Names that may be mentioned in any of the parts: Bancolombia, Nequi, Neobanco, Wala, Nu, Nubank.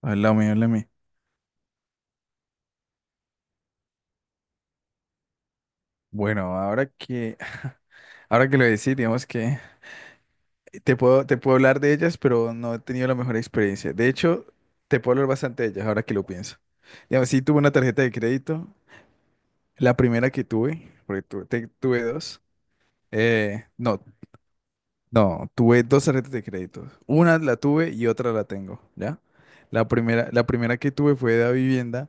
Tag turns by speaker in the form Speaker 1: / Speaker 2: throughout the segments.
Speaker 1: Hola, mi háblame, háblame. Bueno, ahora que, ahora que lo decís, digamos que te puedo hablar de ellas, pero no he tenido la mejor experiencia. De hecho, te puedo hablar bastante de ellas ahora que lo pienso. Digamos, sí tuve una tarjeta de crédito, la primera que tuve, porque tuve dos. No, no, tuve dos tarjetas de crédito. Una la tuve y otra la tengo, ¿ya? La primera que tuve fue de la vivienda.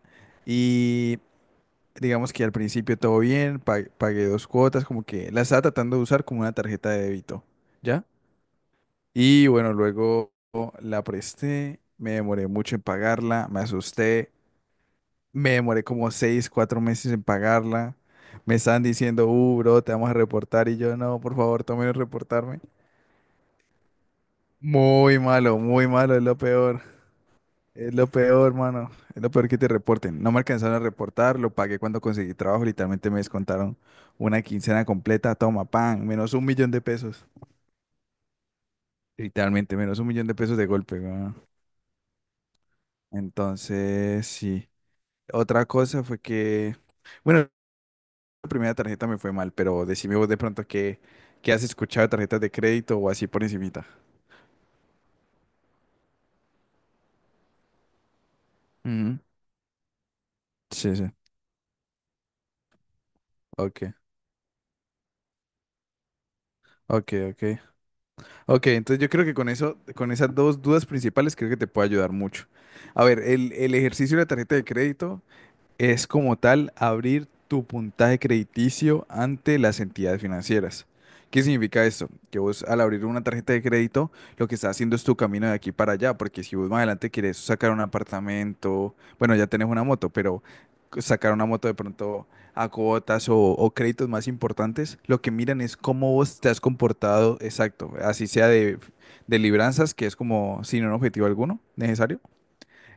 Speaker 1: Digamos que al principio todo bien, pagué dos cuotas, como que la estaba tratando de usar como una tarjeta de débito, ¿ya? Y bueno, luego la presté, me demoré mucho en pagarla, me asusté, me demoré como 6, 4 meses en pagarla. Me estaban diciendo, bro, te vamos a reportar y yo, no, por favor, tomen reportarme. Muy malo, es lo peor. Es lo peor, hermano. Es lo peor que te reporten. No me alcanzaron a reportar, lo pagué cuando conseguí trabajo. Literalmente me descontaron una quincena completa. Toma, pan, menos 1 millón de pesos. Literalmente, menos 1 millón de pesos de golpe, weón. Entonces, sí. Otra cosa fue que, bueno, la primera tarjeta me fue mal, pero decime vos de pronto que has escuchado de tarjetas de crédito o así por encimita. Ujú. Sí, sí. Ok, ok, ok. Ok, entonces yo creo que con eso, con esas dos dudas principales, creo que te puede ayudar mucho. A ver, el ejercicio de la tarjeta de crédito es como tal abrir tu puntaje crediticio ante las entidades financieras. ¿Qué significa esto? Que vos al abrir una tarjeta de crédito, lo que estás haciendo es tu camino de aquí para allá, porque si vos más adelante quieres sacar un apartamento, bueno, ya tenés una moto, pero sacar una moto de pronto a cuotas o créditos más importantes, lo que miran es cómo vos te has comportado, exacto, así sea de libranzas, que es como sin un objetivo alguno necesario,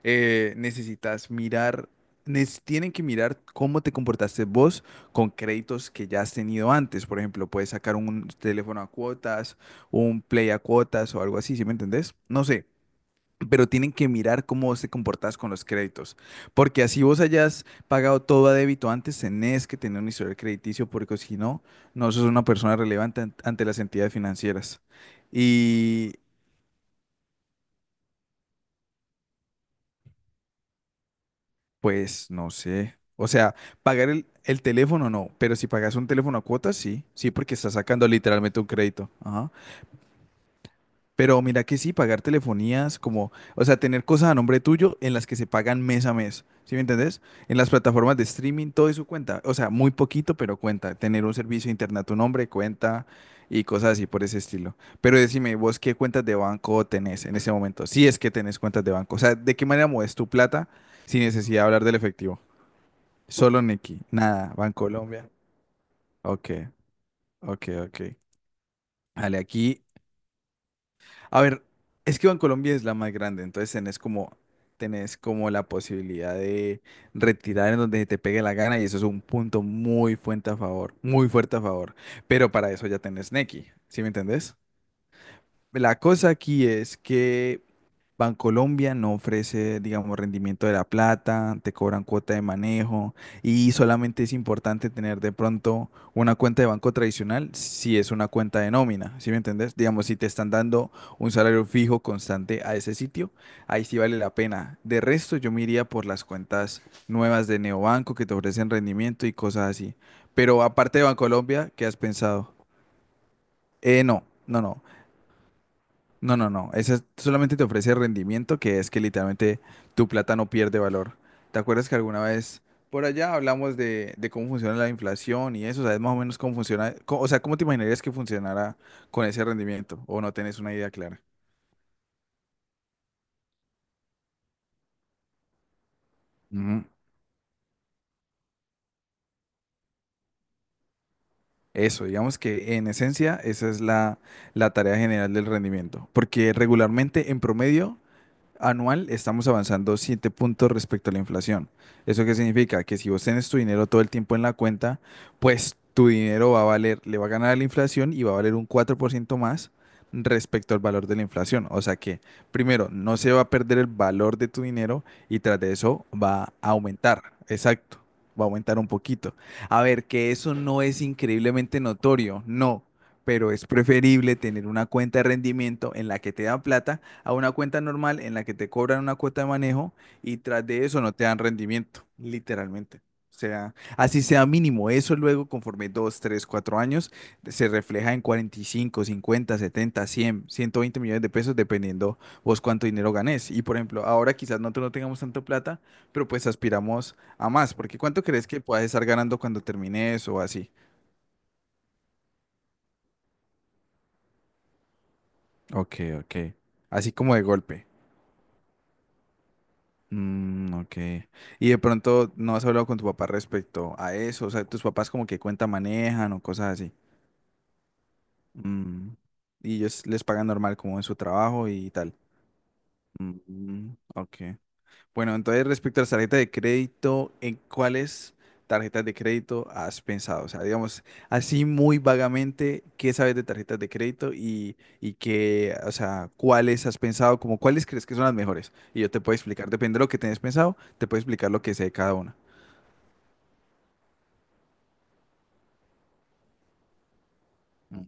Speaker 1: necesitas mirar, tienen que mirar cómo te comportaste vos con créditos que ya has tenido antes. Por ejemplo, puedes sacar un teléfono a cuotas, un play a cuotas o algo así, ¿sí me entendés? No sé. Pero tienen que mirar cómo vos te comportas con los créditos. Porque así vos hayas pagado todo a débito antes, tenés que tener un historial crediticio, porque si no, no sos una persona relevante ante las entidades financieras. Y, Pues no sé. O sea, pagar el teléfono no, pero si pagas un teléfono a cuotas, sí, sí, porque estás sacando literalmente un crédito. Ajá. Pero mira que sí, pagar telefonías, como, o sea, tener cosas a nombre tuyo en las que se pagan mes a mes, ¿sí me entendés? En las plataformas de streaming, todo eso cuenta. O sea, muy poquito, pero cuenta. Tener un servicio de internet a tu nombre cuenta y cosas así por ese estilo. Pero decime, vos qué cuentas de banco tenés en ese momento, si es que tenés cuentas de banco. O sea, ¿de qué manera mueves tu plata sin necesidad de hablar del efectivo? Solo Nicky. Nada, Bancolombia. Ok, ok, ok. Vale, aquí. A ver, es que Bancolombia es la más grande, entonces tenés como la posibilidad de retirar en donde te pegue la gana y eso es un punto muy fuerte a favor, muy fuerte a favor. Pero para eso ya tenés Nequi, ¿sí me entendés? La cosa aquí es que Bancolombia no ofrece, digamos, rendimiento de la plata, te cobran cuota de manejo y solamente es importante tener de pronto una cuenta de banco tradicional si es una cuenta de nómina, ¿sí me entendés? Digamos, si te están dando un salario fijo constante a ese sitio, ahí sí vale la pena. De resto, yo me iría por las cuentas nuevas de Neobanco que te ofrecen rendimiento y cosas así. Pero aparte de Bancolombia, ¿qué has pensado? No, no, no. No, no, no. Esa solamente te ofrece rendimiento, que es que literalmente tu plata no pierde valor. ¿Te acuerdas que alguna vez por allá hablamos de cómo funciona la inflación y eso? ¿Sabes más o menos cómo funciona? O sea, ¿cómo te imaginarías que funcionara con ese rendimiento? ¿O no tenés una idea clara? Ujú. Eso, digamos que en esencia esa es la tarea general del rendimiento. Porque regularmente, en promedio, anual estamos avanzando 7 puntos respecto a la inflación. ¿Eso qué significa? Que si vos tenés tu dinero todo el tiempo en la cuenta, pues tu dinero va a valer, le va a ganar a la inflación y va a valer un 4% más respecto al valor de la inflación. O sea que, primero, no se va a perder el valor de tu dinero y tras de eso va a aumentar. Exacto, va a aumentar un poquito. A ver, que eso no es increíblemente notorio, no, pero es preferible tener una cuenta de rendimiento en la que te da plata a una cuenta normal en la que te cobran una cuota de manejo y tras de eso no te dan rendimiento, literalmente. O sea, así sea mínimo, eso luego conforme 2, 3, 4 años se refleja en 45, 50, 70, 100, 120 millones de pesos dependiendo vos cuánto dinero ganés. Y por ejemplo, ahora quizás nosotros no tengamos tanto plata, pero pues aspiramos a más, porque ¿cuánto crees que puedas estar ganando cuando termines o así? Ok, ok. Así como de golpe. Mm, ok. Y de pronto no has hablado con tu papá respecto a eso. O sea, tus papás como que cuenta manejan o cosas así. Mm, Y ellos les pagan normal como en su trabajo y tal. Mm, ok. Bueno, entonces respecto a las tarjetas de crédito, ¿en cuáles tarjetas de crédito has pensado? O sea, digamos, así muy vagamente, ¿qué sabes de tarjetas de crédito y, qué, o sea, cuáles has pensado? ¿Como cuáles crees que son las mejores? Y yo te puedo explicar, depende de lo que tenés pensado, te puedo explicar lo que sé de cada una. Mm.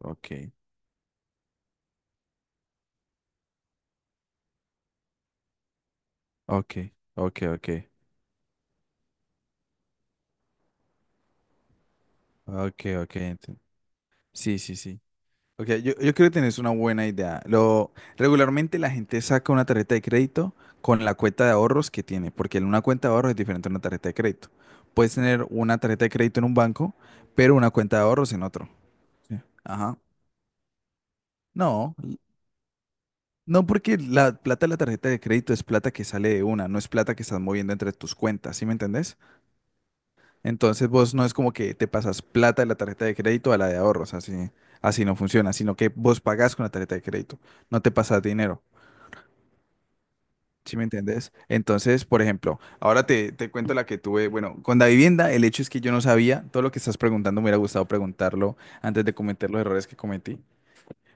Speaker 1: Ok, ok, ok, ok, ok, ok. Sí, sí, sí. Ok, yo creo que tenés una buena idea. Regularmente la gente saca una tarjeta de crédito con la cuenta de ahorros que tiene, porque una cuenta de ahorros es diferente a una tarjeta de crédito. Puedes tener una tarjeta de crédito en un banco, pero una cuenta de ahorros en otro. Sí. Ajá. No, no porque la plata de la tarjeta de crédito es plata que sale de una, no es plata que estás moviendo entre tus cuentas, ¿sí me entendés? Entonces vos no es como que te pasas plata de la tarjeta de crédito a la de ahorros, así, así no funciona, sino que vos pagás con la tarjeta de crédito, no te pasas dinero, ¿sí me entiendes? Entonces, por ejemplo, ahora te cuento la que tuve, bueno, con la vivienda, el hecho es que yo no sabía, todo lo que estás preguntando me hubiera gustado preguntarlo antes de cometer los errores que cometí,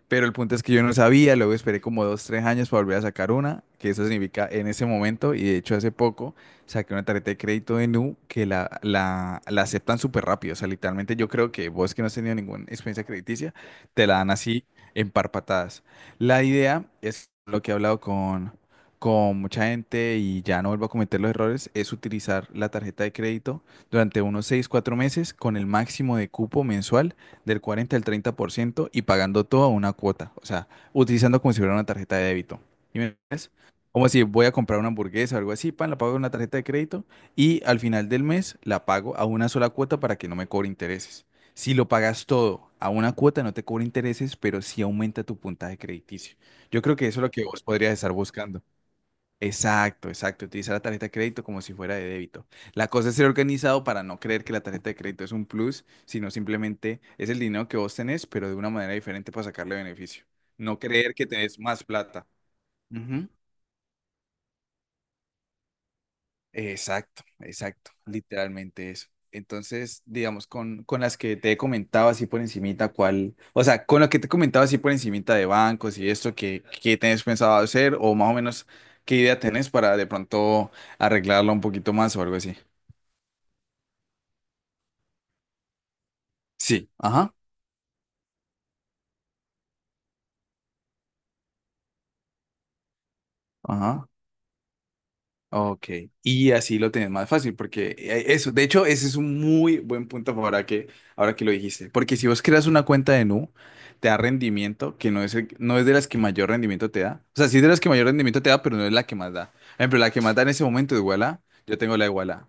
Speaker 1: pero el punto es que yo no sabía, luego esperé como 2, 3 años para volver a sacar una, que eso significa en ese momento, y de hecho hace poco saqué una tarjeta de crédito de Nu que la aceptan súper rápido, o sea, literalmente yo creo que vos que no has tenido ninguna experiencia crediticia, te la dan así en par patadas. La idea es lo que he hablado con mucha gente y ya no vuelvo a cometer los errores, es utilizar la tarjeta de crédito durante unos 6, 4 meses con el máximo de cupo mensual del 40 al 30% y pagando todo a una cuota, o sea, utilizando como si fuera una tarjeta de débito. ¿Y me entiendes? Como si voy a comprar una hamburguesa o algo así, pan, la pago con una tarjeta de crédito y al final del mes la pago a una sola cuota para que no me cobre intereses. Si lo pagas todo a una cuota, no te cobra intereses, pero sí aumenta tu puntaje crediticio. Yo creo que eso es lo que vos podrías estar buscando. Exacto, exacto. Utilizar la tarjeta de crédito como si fuera de débito. La cosa es ser organizado para no creer que la tarjeta de crédito es un plus, sino simplemente es el dinero que vos tenés, pero de una manera diferente para sacarle beneficio. No creer que tenés más plata. Ujú. Exacto, exacto. Literalmente eso. Entonces, digamos, con, las que te he comentado así por encimita, ¿cuál? O sea, con lo que te he comentado así por encimita de bancos y esto, ¿qué tenés pensado hacer? O más o menos, ¿qué idea tenés para de pronto arreglarla un poquito más o algo así? Sí, ajá, ajá. Ok, y así lo tenés más fácil, porque eso, de hecho, ese es un muy buen punto ahora que lo dijiste, porque si vos creas una cuenta de Nu, te da rendimiento, que no es, no es de las que mayor rendimiento te da, o sea, sí es de las que mayor rendimiento te da, pero no es la que más da. Por ejemplo, la que más da en ese momento es Wala, yo tengo la de Wala,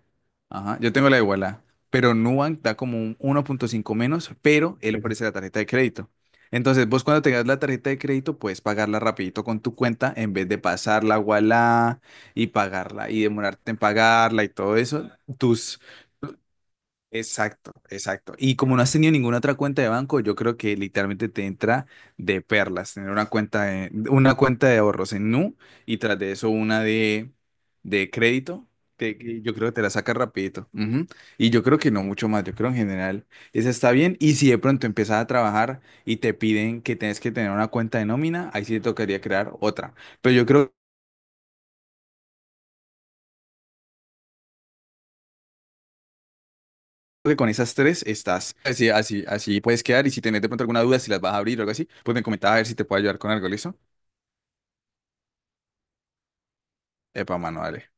Speaker 1: ajá, yo tengo la de Wala, pero Nubank da como un 1,5 menos, pero él, Ujú, ofrece la tarjeta de crédito. Entonces, vos cuando tengas la tarjeta de crédito, puedes pagarla rapidito con tu cuenta en vez de pasarla a Ualá y pagarla y demorarte en pagarla y todo eso, tus... Exacto, exacto. Y como no has tenido ninguna otra cuenta de banco, yo creo que literalmente te entra de perlas tener una cuenta de ahorros en Nu y tras de eso una de crédito. Que yo creo que te la sacas rapidito. Ujú. Y yo creo que no mucho más. Yo creo en general esa está bien. Y si de pronto empiezas a trabajar y te piden que tienes que tener una cuenta de nómina, ahí sí te tocaría crear otra. Pero yo creo que con esas tres estás. Así, así, así puedes quedar. Y si tenés de pronto alguna duda, si las vas a abrir o algo así, pues me comentaba a ver si te puedo ayudar con algo, ¿listo? Epa, mano, dale.